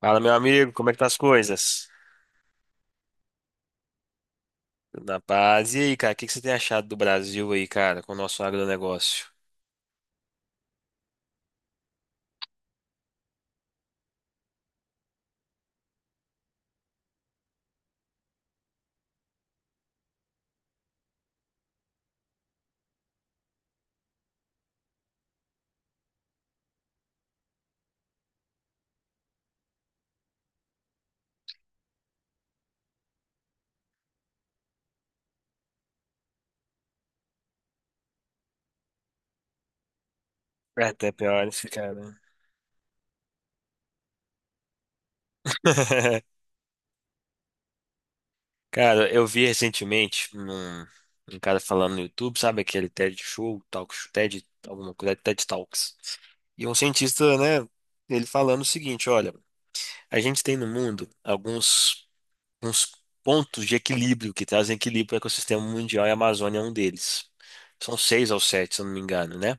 Fala, meu amigo, como é que tá as coisas? Tudo na paz. E aí, cara, o que que você tem achado do Brasil aí, cara, com o nosso agronegócio? É até pior esse cara. Cara, eu vi recentemente um cara falando no YouTube, sabe, aquele TED Show, Talk Show, TED, alguma coisa, é TED Talks. E um cientista, né, ele falando o seguinte, olha, a gente tem no mundo alguns uns pontos de equilíbrio que trazem equilíbrio para o ecossistema mundial, e a Amazônia é um deles. São seis ou sete, se eu não me engano, né?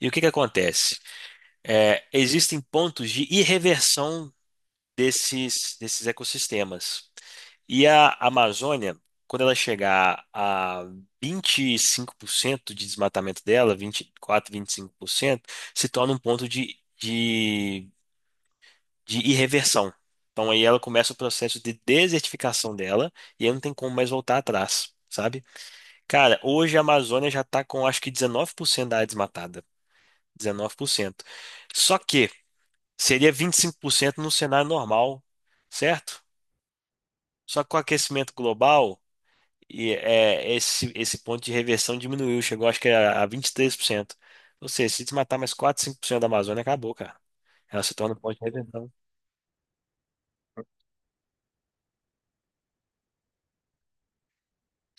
E o que que acontece? É, existem pontos de irreversão desses ecossistemas. E a Amazônia, quando ela chegar a 25% de desmatamento dela, 20, 24%, vinte e cinco por cento, se torna um ponto de irreversão. Então aí ela começa o processo de desertificação dela, e aí não tem como mais voltar atrás, sabe? Cara, hoje a Amazônia já está com acho que 19% da área desmatada. 19%. Só que seria 25% no cenário normal, certo? Só que com o aquecimento global, esse ponto de reversão diminuiu, chegou acho que a 23%. Ou seja, se desmatar mais 4, 5% da Amazônia, acabou, cara. Ela se torna um ponto de reversão.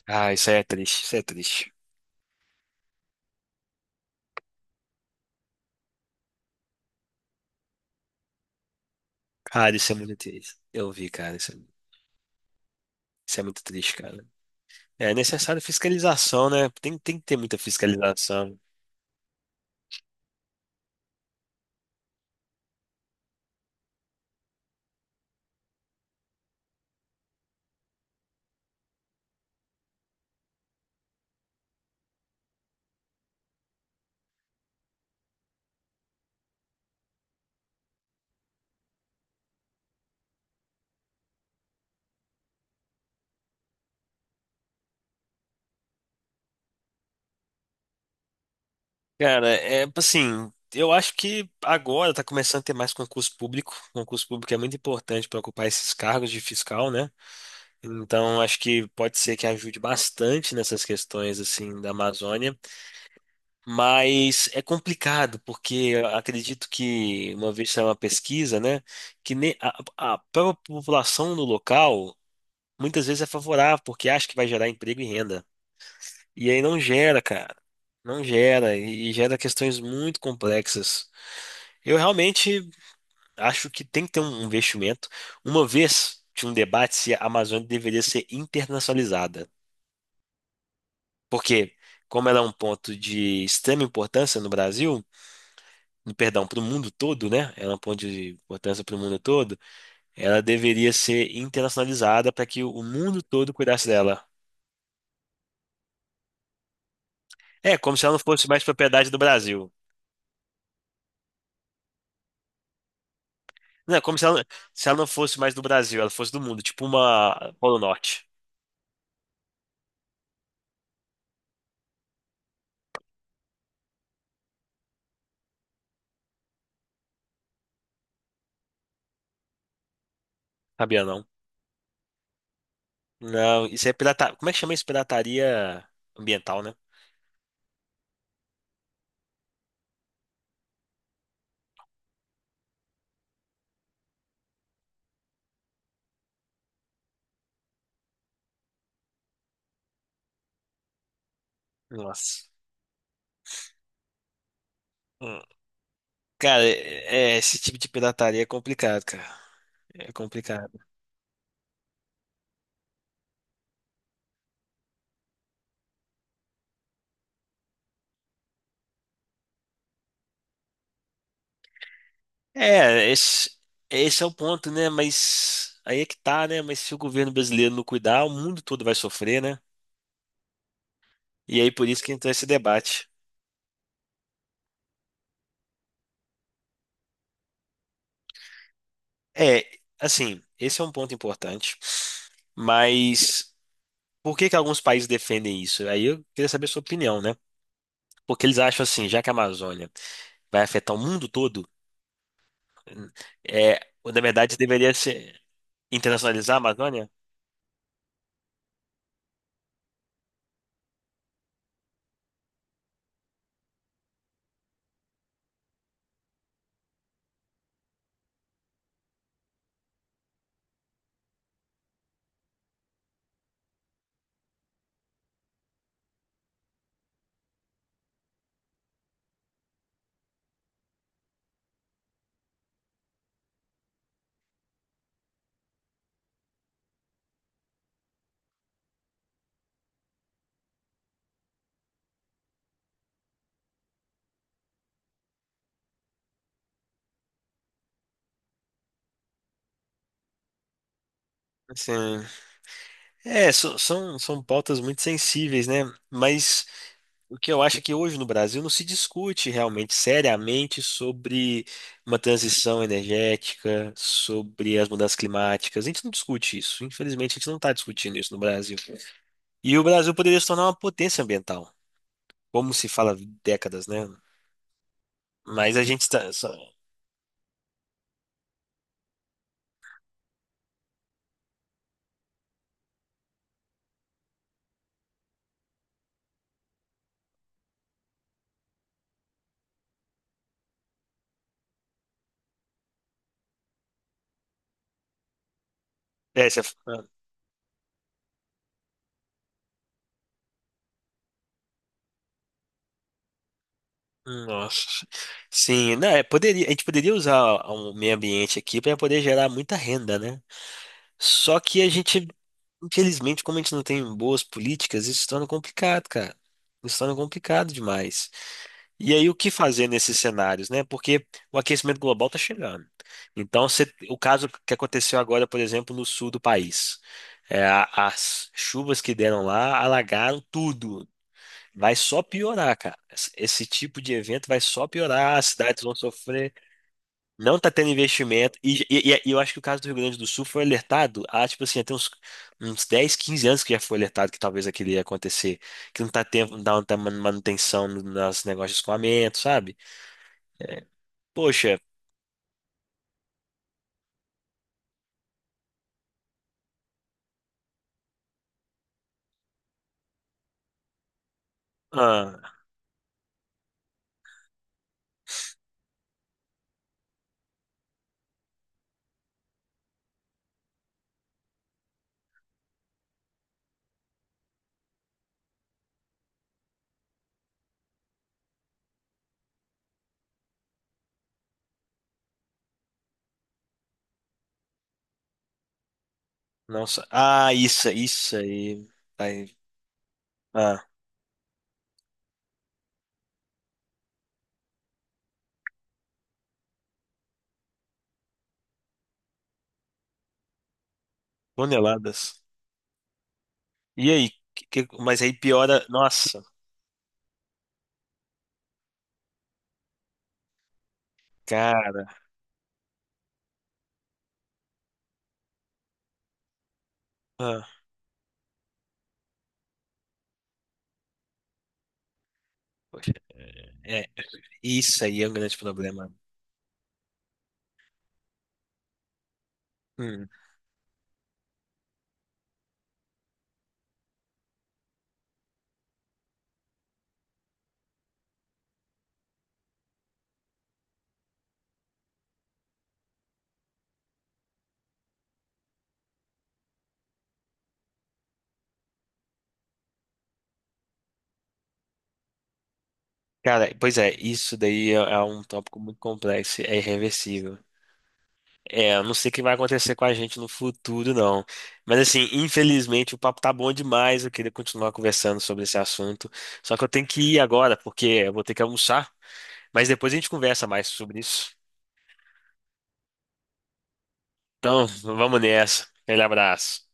Ah, isso aí é triste, isso é triste. Cara, isso é muito triste. Eu vi, cara, isso é muito triste, cara. É necessário fiscalização, né? Tem que ter muita fiscalização. Cara, é assim, eu acho que agora tá começando a ter mais concurso público. Concurso público é muito importante para ocupar esses cargos de fiscal, né? Então, acho que pode ser que ajude bastante nessas questões assim da Amazônia, mas é complicado porque eu acredito que uma vez saiu uma pesquisa, né, que ne- a, a própria população do local muitas vezes é favorável porque acha que vai gerar emprego e renda. E aí não gera, cara. Não gera, e gera questões muito complexas. Eu realmente acho que tem que ter um investimento. Uma vez tinha um debate se a Amazônia deveria ser internacionalizada, porque como ela é um ponto de extrema importância no Brasil, perdão, para o mundo todo, né? Ela é um ponto de importância para o mundo todo. Ela deveria ser internacionalizada para que o mundo todo cuidasse dela. É como se ela não fosse mais propriedade do Brasil. Não, é como se ela não fosse mais do Brasil, ela fosse do mundo, tipo uma Polo Norte. Sabia não? Não, isso é pirataria. Como é que chama isso? Pirataria ambiental, né? Nossa. Hum. Cara, esse tipo de pirataria é complicado, cara. É complicado. É, esse, esse é o ponto, né? Mas aí é que tá, né? Mas se o governo brasileiro não cuidar, o mundo todo vai sofrer, né? E aí por isso que entra esse debate. É, assim, esse é um ponto importante. Mas por que que alguns países defendem isso? Aí eu queria saber a sua opinião, né? Porque eles acham assim, já que a Amazônia vai afetar o mundo todo, é, na verdade, deveria ser internacionalizar a Amazônia? Assim, são, são pautas muito sensíveis, né? Mas o que eu acho é que hoje no Brasil não se discute realmente seriamente sobre uma transição energética, sobre as mudanças climáticas. A gente não discute isso. Infelizmente, a gente não está discutindo isso no Brasil. E o Brasil poderia se tornar uma potência ambiental, como se fala há décadas, né? Mas a gente está. É, você- ah, nossa. Sim, né? Poderia, a gente poderia usar o meio ambiente aqui para poder gerar muita renda, né? Só que a gente, infelizmente, como a gente não tem boas políticas, isso se torna complicado, cara. Isso se torna complicado demais. E aí, o que fazer nesses cenários, né? Porque o aquecimento global está chegando. Então, o caso que aconteceu agora, por exemplo, no sul do país, as chuvas que deram lá alagaram tudo. Vai só piorar, cara. Esse tipo de evento vai só piorar, as cidades vão sofrer, não tá tendo investimento. Eu acho que o caso do Rio Grande do Sul foi alertado há, tipo assim, até uns, uns 10, 15 anos que já foi alertado que talvez aquilo ia acontecer, que não tá tendo, manutenção nas negócios de escoamento, sabe? Poxa, ah, nossa, ah, isso aí, aí, ah, toneladas. E aí, mas aí piora, nossa, cara, ah, poxa. Isso aí é um grande problema. Hum. Cara, pois é, isso daí é um tópico muito complexo, é irreversível. É, eu não sei o que vai acontecer com a gente no futuro, não. Mas assim, infelizmente o papo tá bom demais, eu queria continuar conversando sobre esse assunto. Só que eu tenho que ir agora, porque eu vou ter que almoçar. Mas depois a gente conversa mais sobre isso. Então, vamos nessa. Aquele abraço.